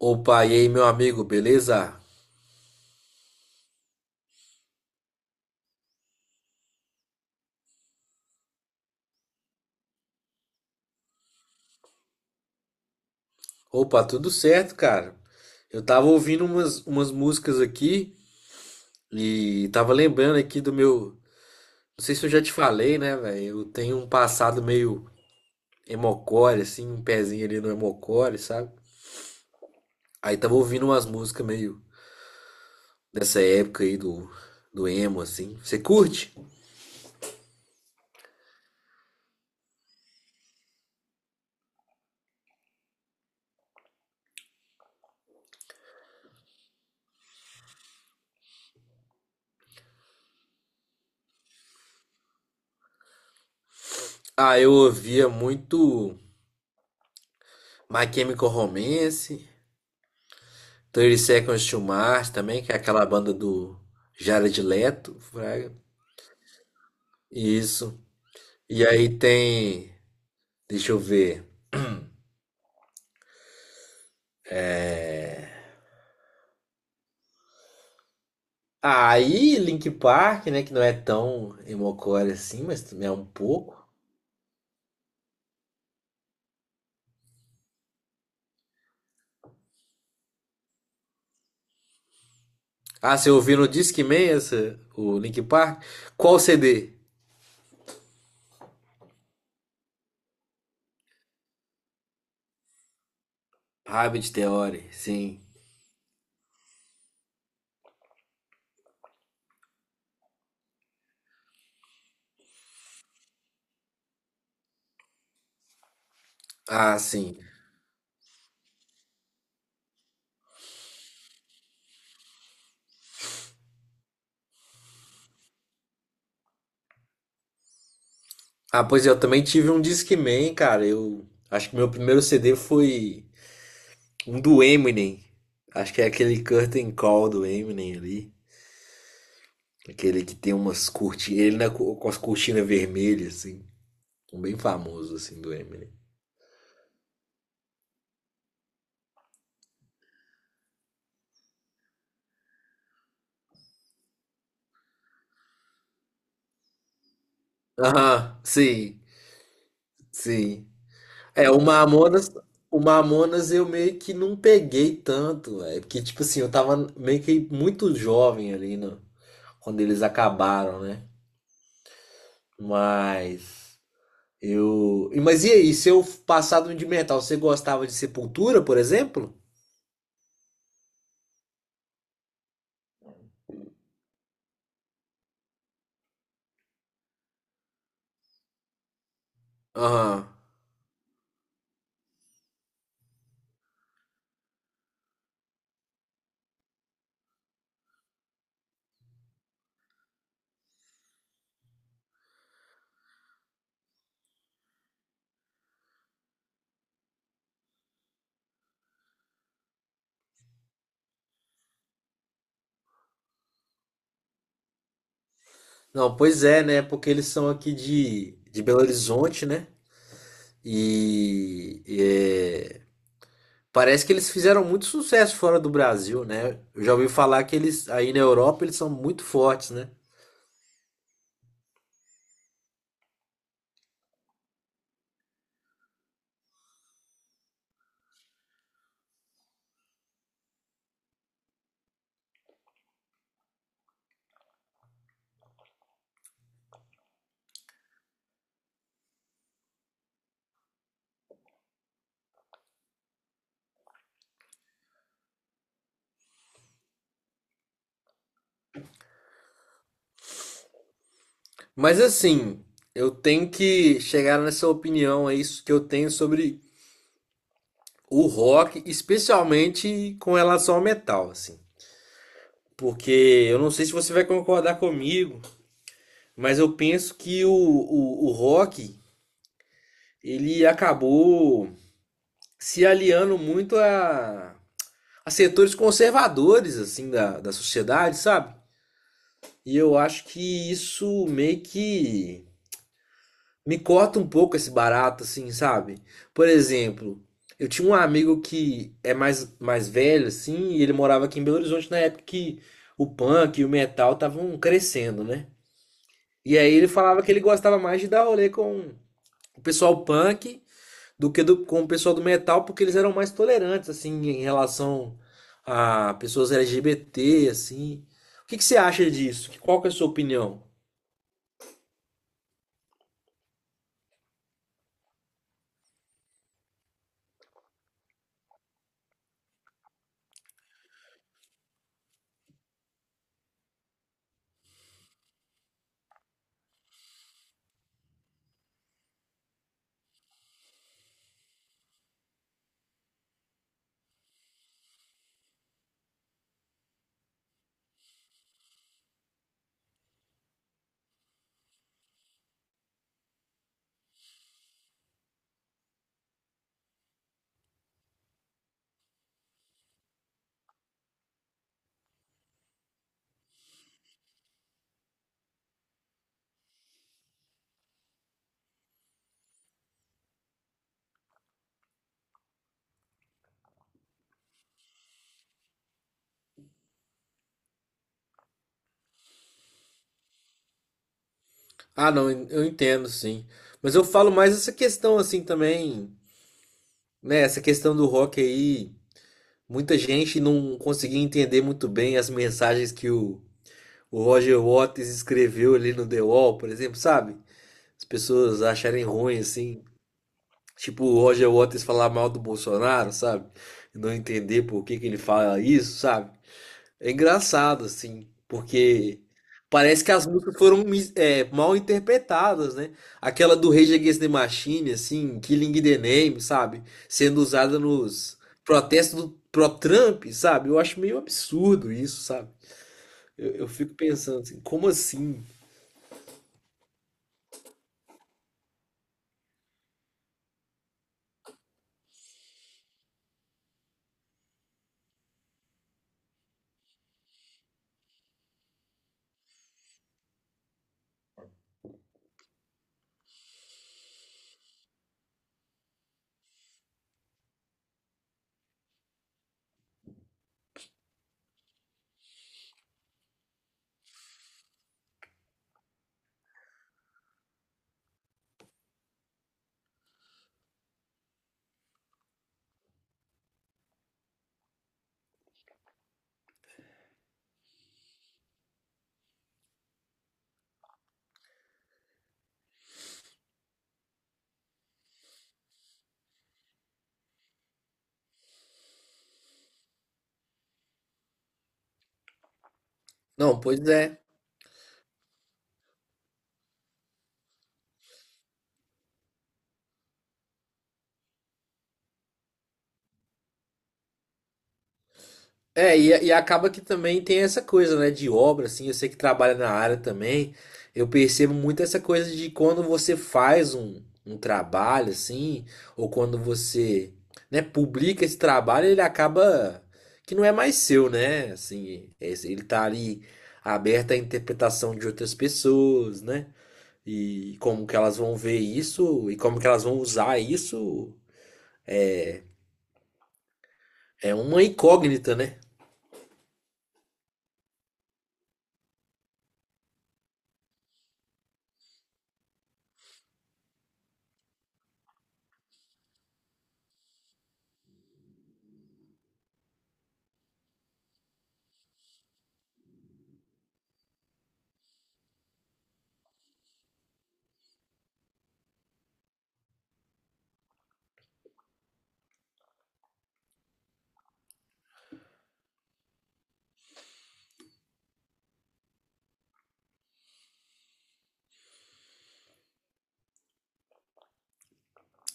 Opa, e aí, meu amigo, beleza? Opa, tudo certo, cara. Eu tava ouvindo umas músicas aqui e tava lembrando aqui do meu. Não sei se eu já te falei, né, velho? Eu tenho um passado meio emocore, assim, um pezinho ali no emocore, sabe? Aí tava ouvindo umas músicas meio dessa época aí do emo, assim. Você curte? Ah, eu ouvia muito My Chemical Romance, 30 Seconds to Mars também, que é aquela banda do Jared Leto. Isso. E aí tem, deixa eu ver. Aí Link Park, né, que não é tão emocore assim, mas também é um pouco. Ah, você ouviu no Discman essa, o Link Park? Qual CD? Rabbit Theory, sim. Ah, sim. Ah, pois é, eu também tive um Discman, cara. Eu acho que meu primeiro CD foi um do Eminem. Acho que é aquele Curtain Call do Eminem ali. Aquele que tem umas cortinas, ele na, com as cortinas vermelhas, assim. Um bem famoso, assim, do Eminem. Aham, sim, sim. É, o Mamonas eu meio que não peguei tanto, é porque, tipo assim, eu tava meio que muito jovem ali, né, quando eles acabaram, né? Mas Mas e aí, seu passado de metal, você gostava de Sepultura, por exemplo? Aham. Não, pois é, né? Porque eles são aqui de Belo Horizonte, né? E, parece que eles fizeram muito sucesso fora do Brasil, né? Eu já ouvi falar que eles aí na Europa eles são muito fortes, né? Mas assim, eu tenho que chegar nessa opinião aí que eu tenho sobre o rock, especialmente com relação ao metal, assim. Porque eu não sei se você vai concordar comigo, mas eu penso que o rock ele acabou se aliando muito a setores conservadores assim da sociedade, sabe? E eu acho que isso meio que me corta um pouco esse barato, assim, sabe? Por exemplo, eu tinha um amigo que é mais velho, assim, e ele morava aqui em Belo Horizonte na época que o punk e o metal estavam crescendo, né? E aí ele falava que ele gostava mais de dar rolê com o pessoal punk do que com o pessoal do metal, porque eles eram mais tolerantes, assim, em relação a pessoas LGBT, assim. O que que você acha disso? Qual que é a sua opinião? Ah, não, eu entendo, sim. Mas eu falo mais essa questão assim também, né? Essa questão do rock aí, muita gente não conseguia entender muito bem as mensagens que o Roger Waters escreveu ali no The Wall, por exemplo, sabe? As pessoas acharem ruim assim, tipo o Roger Waters falar mal do Bolsonaro, sabe? Não entender por que que ele fala isso, sabe? É engraçado, assim, porque parece que as músicas foram mal interpretadas, né? Aquela do Rage Against the Machine, assim, Killing in the Name, sabe? Sendo usada nos protestos do pro Trump, sabe? Eu acho meio absurdo isso, sabe? Eu fico pensando assim, como assim? Não, pois é. É, e acaba que também tem essa coisa, né, de obra, assim, eu sei que trabalha na área também, eu percebo muito essa coisa de quando você faz um trabalho, assim, ou quando você, né, publica esse trabalho, ele acaba que não é mais seu, né, assim, ele tá ali aberto à interpretação de outras pessoas, né, e como que elas vão ver isso, e como que elas vão usar isso, é uma incógnita, né?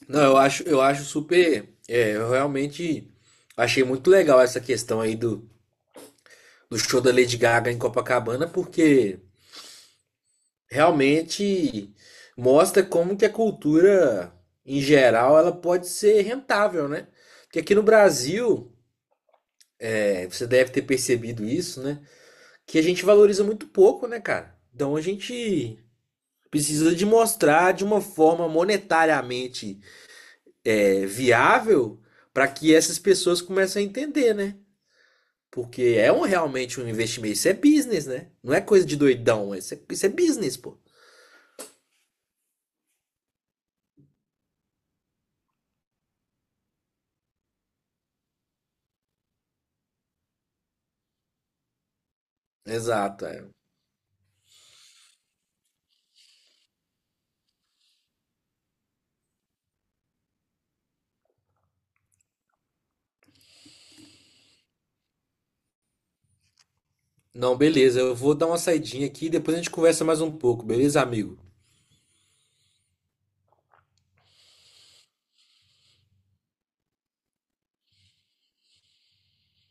Não, eu acho super. É, eu realmente achei muito legal essa questão aí do show da Lady Gaga em Copacabana, porque realmente mostra como que a cultura, em geral, ela pode ser rentável, né? Porque aqui no Brasil, é, você deve ter percebido isso, né? Que a gente valoriza muito pouco, né, cara? Então a gente precisa de mostrar de uma forma monetariamente viável para que essas pessoas comecem a entender, né? Porque é um, realmente um investimento. Isso é business, né? Não é coisa de doidão. Isso é business, pô. Exato, é. Não, beleza. Eu vou dar uma saidinha aqui e depois a gente conversa mais um pouco, beleza, amigo?